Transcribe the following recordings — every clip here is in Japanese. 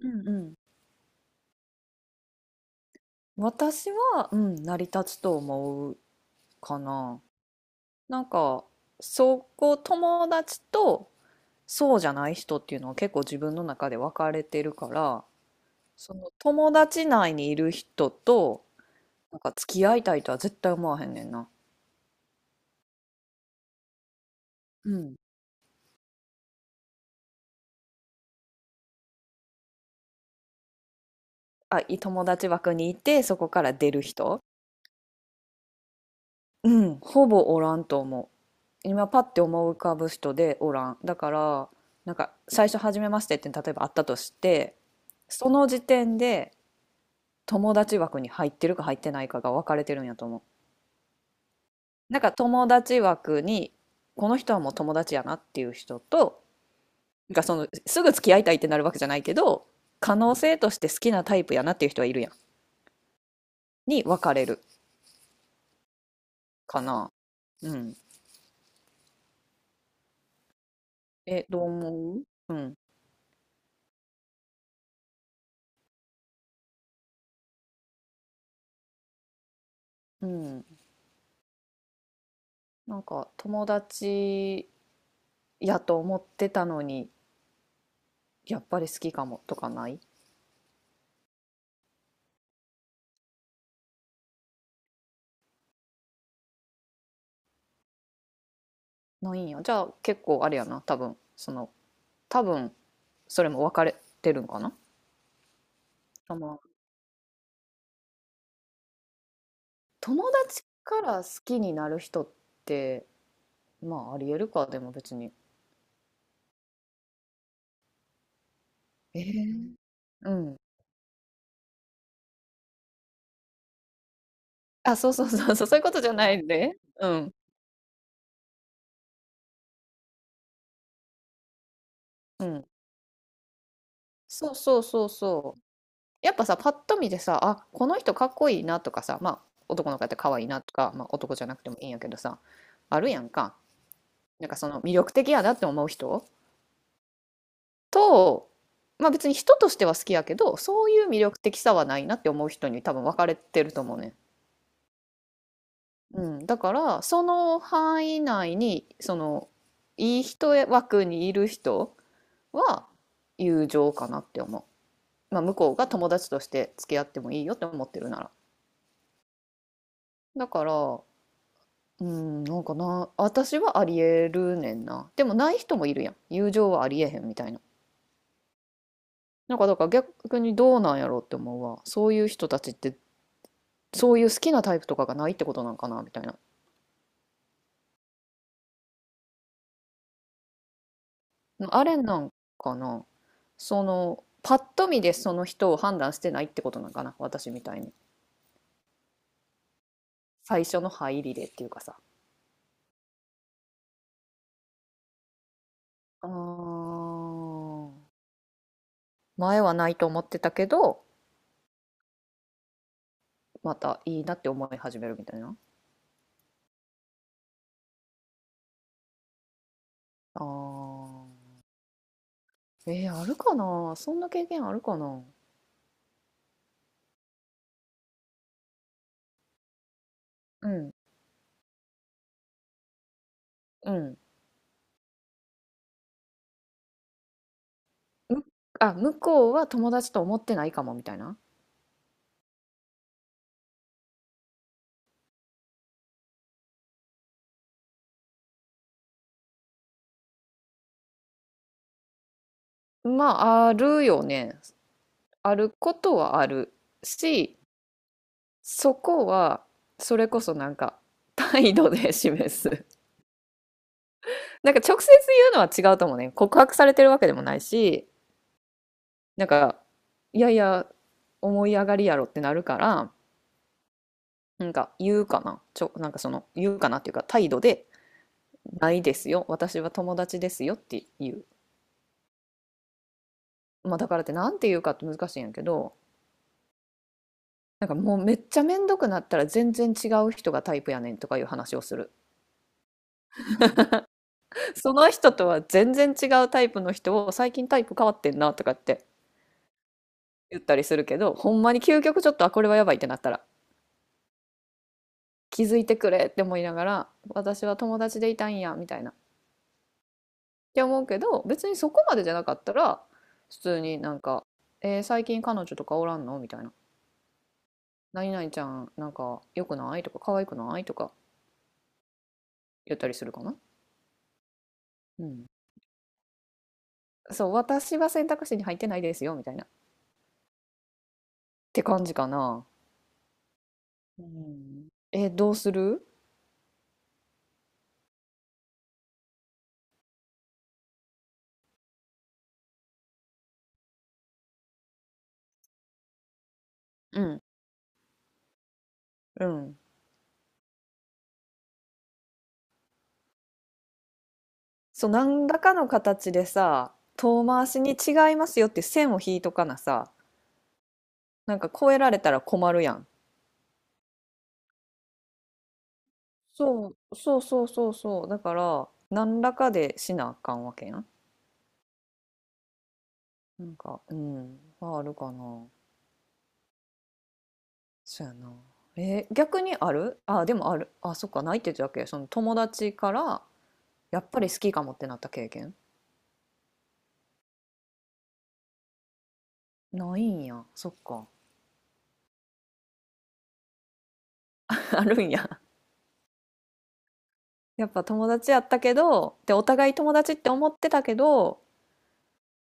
うんうん。私は、うん、成り立つと思うかな。なんか、そこ友達とそうじゃない人っていうのは結構自分の中で分かれてるから、その友達内にいる人と、なんか付き合いたいとは絶対思わへんねんな。うん。あ、友達枠にいて、そこから出る人。うん、ほぼおらんと思う。今パッて思い浮かぶ人でおらんだから、なんか最初「初めまして」って例えばあったとして、その時点で友達枠に入ってるか入ってないかが分かれてるんやと思う。なんか友達枠に、この人はもう友達やなっていう人と、なんかそのすぐ付き合いたいってなるわけじゃないけど、可能性として好きなタイプやなっていう人はいるやん、に分かれるかな。うん。どう思う？うん。うん。なんか友達やと思ってたのに、やっぱり好きかもとかない？ないんや。じゃあ結構あれやな。多分それも分かれてるんかな。あ、まあ、友達から好きになる人って、まあありえるか。でも別に。えーうん。あ、そうそうそうそう、そういうことじゃないで。うん。うん。そうそうそうそう。やっぱさ、パッと見てさあ、この人かっこいいなとかさ、まあ、男の子やって可愛いなとか、まあ、男じゃなくてもいいんやけどさ、あるやんか。なんかその魅力的やなって思う人と、まあ、別に人としては好きやけど、そういう魅力的さはないなって思う人に多分分かれてると思うね。うん、だからその範囲内に、そのいい人枠にいる人は友情かなって思う。まあ、向こうが友達として付き合ってもいいよって思ってるなら。だから、うん、なんかな、私はありえるねんな。でもない人もいるやん。友情はありえへんみたいな。なんかだから逆にどうなんやろうって思うわ。そういう人たちって、そういう好きなタイプとかがないってことなんかな、みたいな。あれなんかな。そのパッと見でその人を判断してないってことなんかな、私みたいに。最初の入りでっていうかさ。あー、前はないと思ってたけど、またいいなって思い始めるみたいな。あー。あるかな、そんな経験あるかな。うん。うん。むあ、向こうは友達と思ってないかもみたいな。まあ、あるよね。あることはあるし、そこは、それこそなんか、態度で示す。なんか直接言うのは違うと思うね。告白されてるわけでもないし、なんか、いやいや、思い上がりやろってなるから、なんか言うかな。なんかその、言うかなっていうか、態度で、ないですよ。私は友達ですよっていう。まあ、だからってなんて言うかって難しいんやけど、なんかもうめっちゃめんどくなったら、全然違う人がタイプやねんとかいう話をする。その人とは全然違うタイプの人を、最近タイプ変わってんなとかって言ったりするけど、ほんまに究極ちょっと、あ、これはやばいってなったら、気づいてくれって思いながら私は友達でいたんやみたいなって思うけど、別にそこまでじゃなかったら普通になんか、「えー、最近彼女とかおらんの？」みたいな、「何々ちゃんなんか良くない？」とか「可愛くない？」とか言ったりするかな。うん、そう、私は選択肢に入ってないですよみたいなって感じかな。うん。どうする？うん。うん。そう、何らかの形でさ、遠回しに違いますよって線を引いとかなさ、なんか超えられたら困るやん。そう、そうそうそうそう。だから、何らかでしなあかんわけやん。なんか、うん、まああるかな。そうやな。逆にある、あ、でもある。あ、そっか、ないって言ってたっけ、その友達から、やっぱり好きかもってなった経験。ないんや。そっか。あるんや。やっぱ友達やったけど、で、お互い友達って思ってたけど、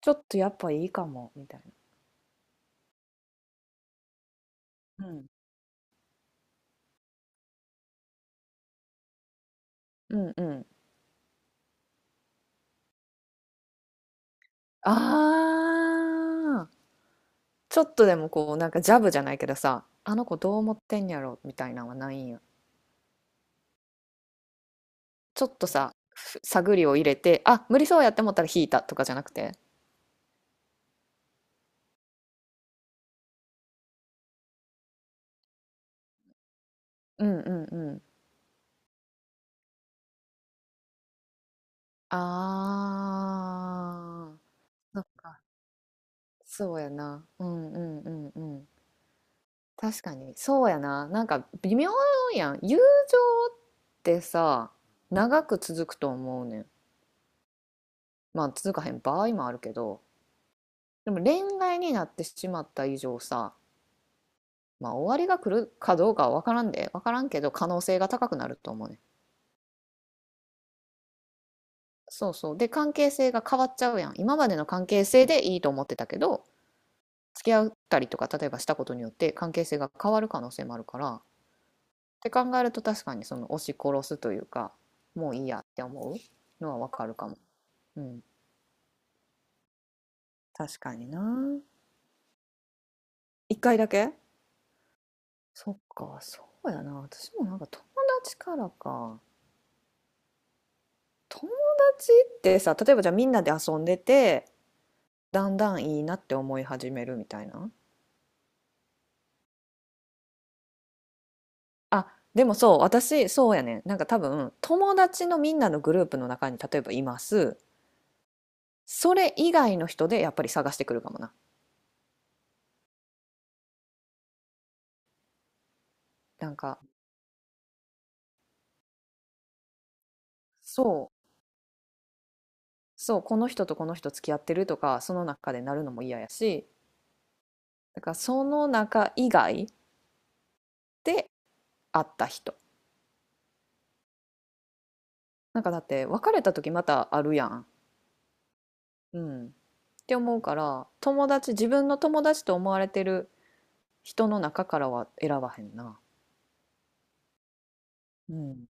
ちょっとやっぱいいかも、みたい。うん。な。うんうん。ああ、ちょっとでもこう、なんかジャブじゃないけどさ、あの子どう思ってんやろ、みたいなのはないんや。ちょっとさ、探りを入れて、あ、無理そうやって思ったら引いたとかじゃなくて。うんうんうん。ああ、そっか。そうやな。うんうんうんうん。確かに、そうやな。なんか微妙やん。友情ってさ、長く続くと思うねん。まあ続かへん場合もあるけど、でも恋愛になってしまった以上さ、まあ終わりが来るかどうかは分からんで分からんけど、可能性が高くなると思うね。そうそう。で、関係性が変わっちゃうやん。今までの関係性でいいと思ってたけど、付き合ったりとか例えばしたことによって関係性が変わる可能性もあるからって考えると、確かにその押し殺すというか、もういいやって思うのは分かるかも。うん。確かにな。一回だけ。そっか、そうやな。私もなんか、友達からか友達ってさ、例えばじゃあみんなで遊んでて、だんだんいいなって思い始めるみたいな。あ、でもそう、私、そうやねん。なんか多分、友達のみんなのグループの中に例えばいます。それ以外の人でやっぱり探してくるかもな。なんか、そう、そう、この人とこの人付き合ってるとか、その中でなるのも嫌やし、だからその中以外で会った人。なんかだって、別れた時またあるやん。うん。って思うから、友達、自分の友達と思われてる人の中からは選ばへんな。うん。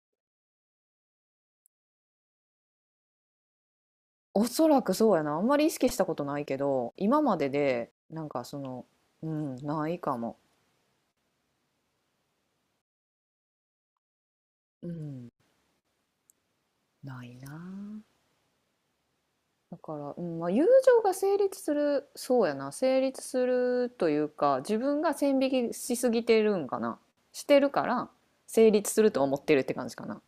おそらくそうやな。あんまり意識したことないけど、今までで、なんかその、うん、ないかも。うん、ないな。だから、うん、まあ、友情が成立する、そうやな、成立するというか、自分が線引きしすぎてるんかな。してるから、成立すると思ってるって感じかな。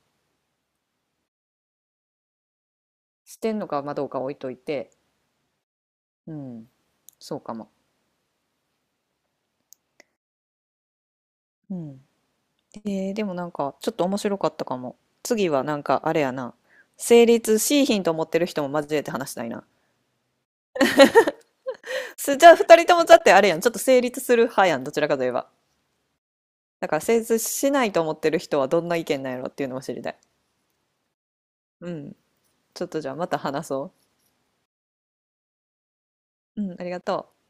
してんのかまあどうか置いといて、うん、そうかも。うん。でもなんかちょっと面白かったかも。次はなんかあれやな。成立しいひんと思ってる人も交えて話したいな。じゃあ二人ともだってあれやん。ちょっと成立する派やん。どちらかといえば。だから成立しないと思ってる人はどんな意見なんやろっていうのも知りたい。うん。ちょっとじゃあまた話そう。うん、ありがとう。